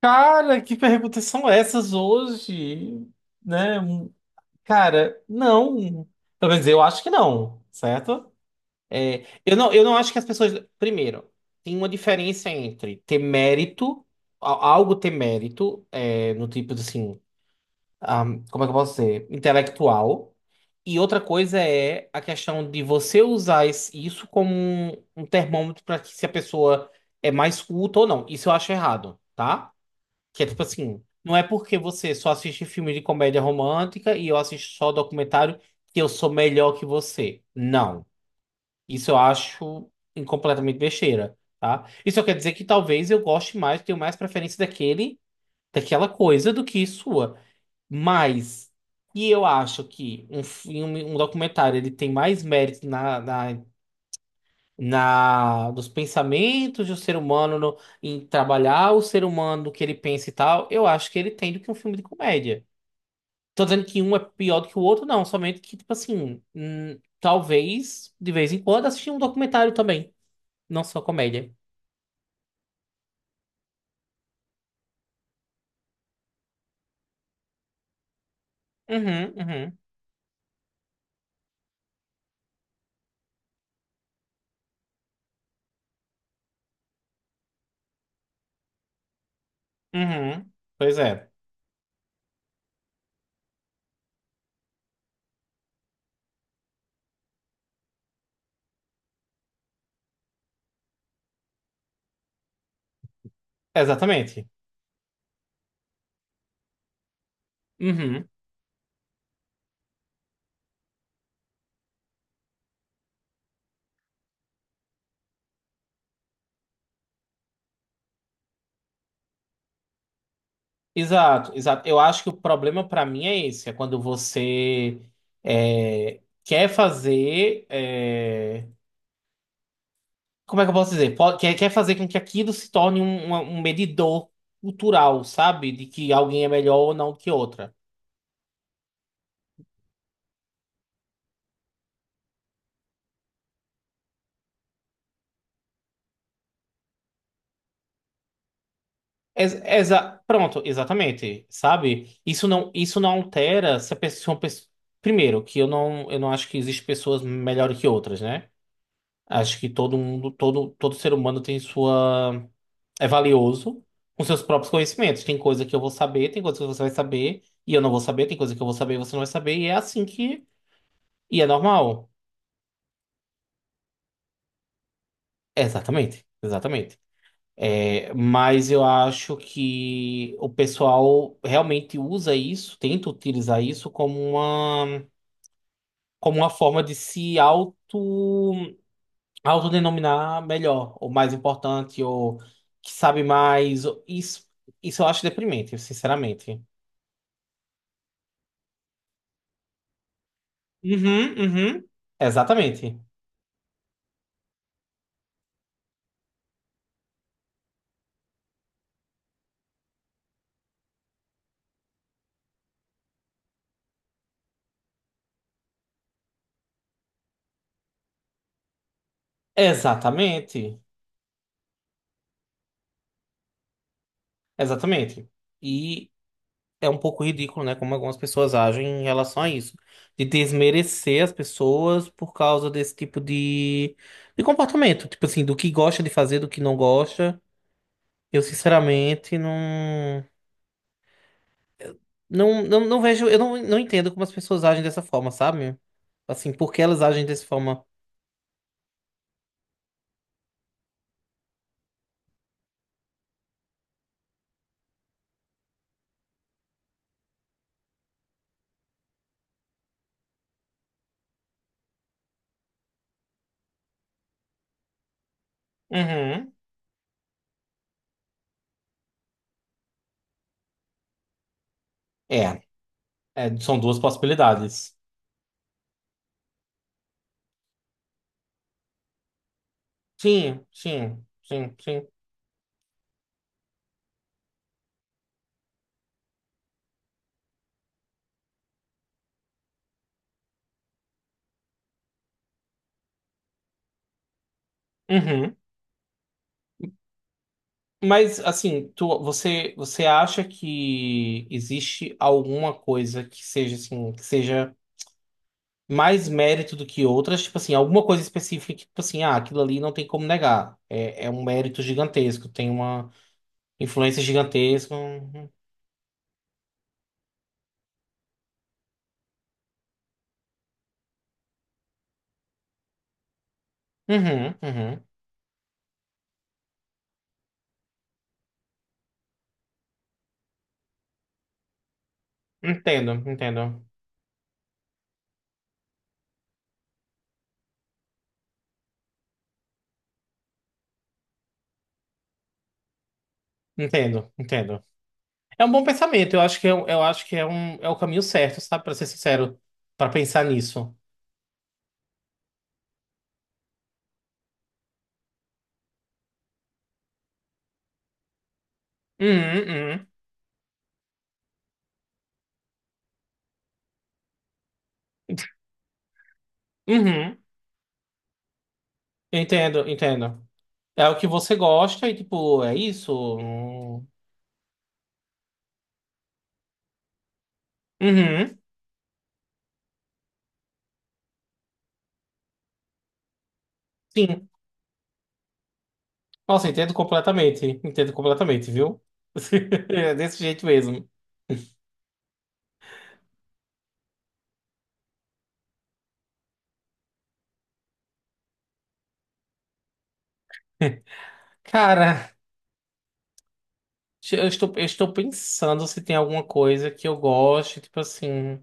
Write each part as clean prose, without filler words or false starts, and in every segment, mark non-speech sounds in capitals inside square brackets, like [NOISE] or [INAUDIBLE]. Cara, que perguntas são essas hoje? Né? Cara, não. Pelo menos eu acho que não, certo? É, eu não acho que as pessoas. Primeiro, tem uma diferença entre ter mérito, algo ter mérito, é, no tipo de assim, como é que eu posso dizer? Intelectual. E outra coisa é a questão de você usar isso como um termômetro para que se a pessoa é mais culta ou não. Isso eu acho errado, tá? Que é tipo assim, não é porque você só assiste filme de comédia romântica e eu assisto só documentário que eu sou melhor que você. Não. Isso eu acho completamente besteira, tá? Isso quer dizer que talvez eu goste mais, tenho mais preferência daquela coisa do que sua. Mas, e eu acho que um documentário, ele tem mais mérito na na dos pensamentos do ser humano em trabalhar o ser humano, do que ele pensa e tal, eu acho que ele tem do que um filme de comédia. Tô dizendo que um é pior do que o outro, não, somente que, tipo assim, talvez de vez em quando assistir um documentário também, não só comédia. Uhum, uhum, uhum. Pois é, exatamente. Uhum. Exato, exato. Eu acho que o problema pra mim é esse, é quando você é, quer fazer. É, Como é que eu posso dizer? Quer, quer fazer com que aquilo se torne um medidor cultural, sabe? De que alguém é melhor ou não do que outra. Pronto, exatamente, sabe? Isso não, isso não altera se primeiro, que eu não acho que existem pessoas melhores que outras, né? Acho que todo mundo, todo ser humano tem sua... É valioso com seus próprios conhecimentos. Tem coisa que eu vou saber, tem coisa que você vai saber, e eu não vou saber, tem coisa que eu vou saber e você não vai saber, e é assim que... E é normal. Exatamente, exatamente. É, mas eu acho que o pessoal realmente usa isso, tenta utilizar isso como uma forma de se auto, autodenominar melhor, ou mais importante, ou que sabe mais. Isso, isso eu acho deprimente, sinceramente. Uhum, uhum. Exatamente. Exatamente. Exatamente. E é um pouco ridículo, né? Como algumas pessoas agem em relação a isso. De desmerecer as pessoas por causa desse tipo de comportamento. Tipo assim, do que gosta de fazer, do que não gosta. Eu, sinceramente, não. Não, não vejo. Eu não, não entendo como as pessoas agem dessa forma, sabe? Assim, por que elas agem dessa forma? Uhum. É, é, são duas possibilidades. Sim, sim. Uhum. Mas assim, tu, você acha que existe alguma coisa que seja assim, que seja mais mérito do que outras? Tipo assim, alguma coisa específica que, tipo assim, ah, aquilo ali não tem como negar. É, é um mérito gigantesco, tem uma influência gigantesca. Um, Uhum, uhum. Entendo, entendo. Entendo, entendo. É um bom pensamento. Eu acho que é, eu acho que é um é o caminho certo, sabe? Pra ser sincero, pra pensar nisso. Uhum, uhum. Uhum. Entendo, entendo. É o que você gosta e, tipo, é isso? Hum. Uhum, sim. Nossa, entendo completamente. Entendo completamente, viu? [LAUGHS] É desse jeito mesmo. Cara, eu estou pensando se tem alguma coisa que eu goste, tipo assim.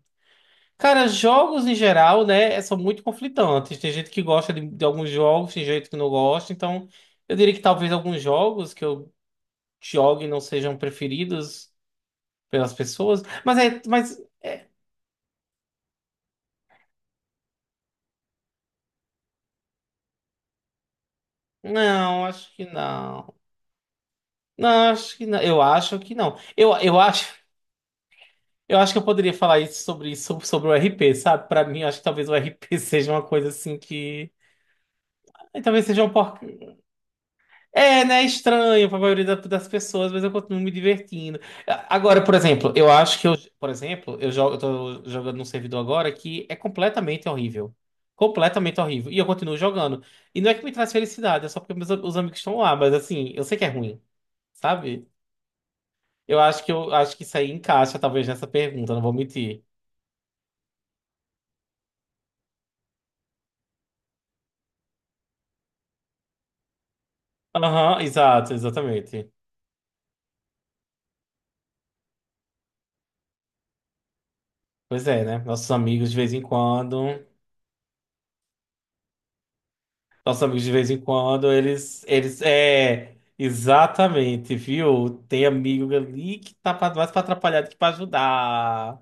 Cara, jogos em geral, né, é, são muito conflitantes. Tem gente que gosta de alguns jogos, tem gente que não gosta. Então, eu diria que talvez alguns jogos que eu jogue não sejam preferidos pelas pessoas. Mas é, não, acho que não. Não, acho que não. Eu acho que não. Eu acho que eu poderia falar sobre o RP, sabe? Pra mim, eu acho que talvez o RP [LAUGHS] seja uma coisa assim que. Talvez seja um porco. É, né? Estranho pra das pessoas, mas eu continuo me divertindo. Agora, por exemplo, eu acho que eu. Por exemplo, eu tô jogando num servidor agora que é completamente horrível. Completamente horrível. E eu continuo jogando. E não é que me traz felicidade, é só porque os amigos estão lá, mas assim, eu sei que é ruim, sabe? Eu acho que isso aí encaixa, talvez, nessa pergunta, não vou mentir. Aham, exato, exatamente. Pois é, né? Nossos amigos de vez em quando. Nossos amigos de vez em quando, eles. Eles. É. Exatamente, viu? Tem amigo ali que tá mais pra atrapalhar do que pra ajudar.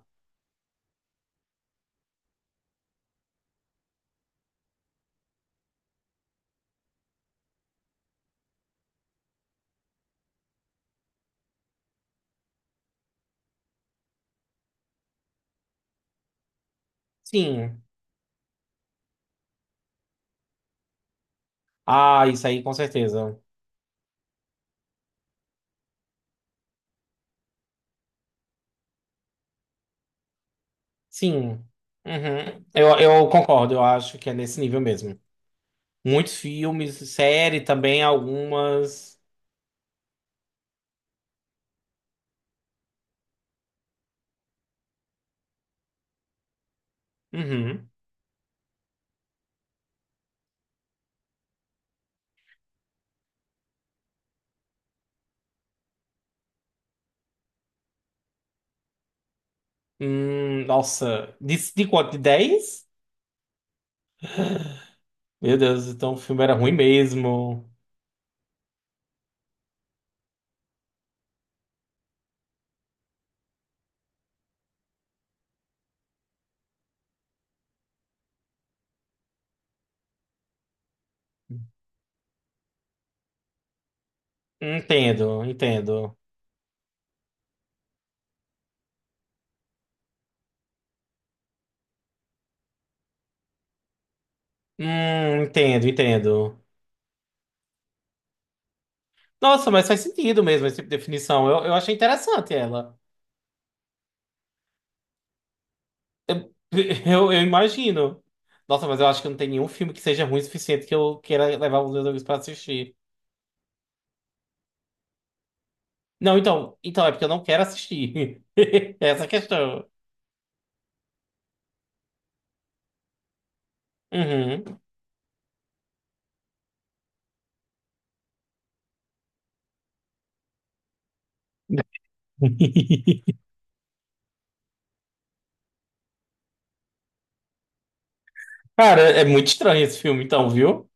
Sim. Ah, isso aí, com certeza. Sim. Uhum. Eu concordo, eu acho que é nesse nível mesmo. Muitos filmes, série também, algumas. Uhum. Nossa, de quanto? De 10? Meu Deus, então o filme era ruim mesmo. Entendo, entendo. Entendo, entendo. Nossa, mas faz sentido mesmo esse tipo de definição. Eu achei interessante ela. [LAUGHS] Eu imagino. Nossa, mas eu acho que não tem nenhum filme que seja ruim o suficiente que eu queira levar os meus amigos pra assistir. Não, então é porque eu não quero assistir. [LAUGHS] Essa é a questão. Uhum. [LAUGHS] Cara, é muito estranho esse filme, então, viu?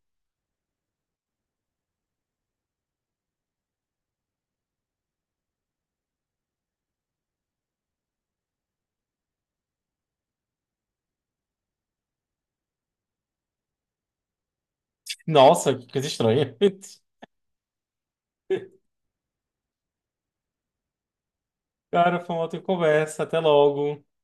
Nossa, que coisa estranha. [LAUGHS] Cara, foi uma outra conversa. Até logo.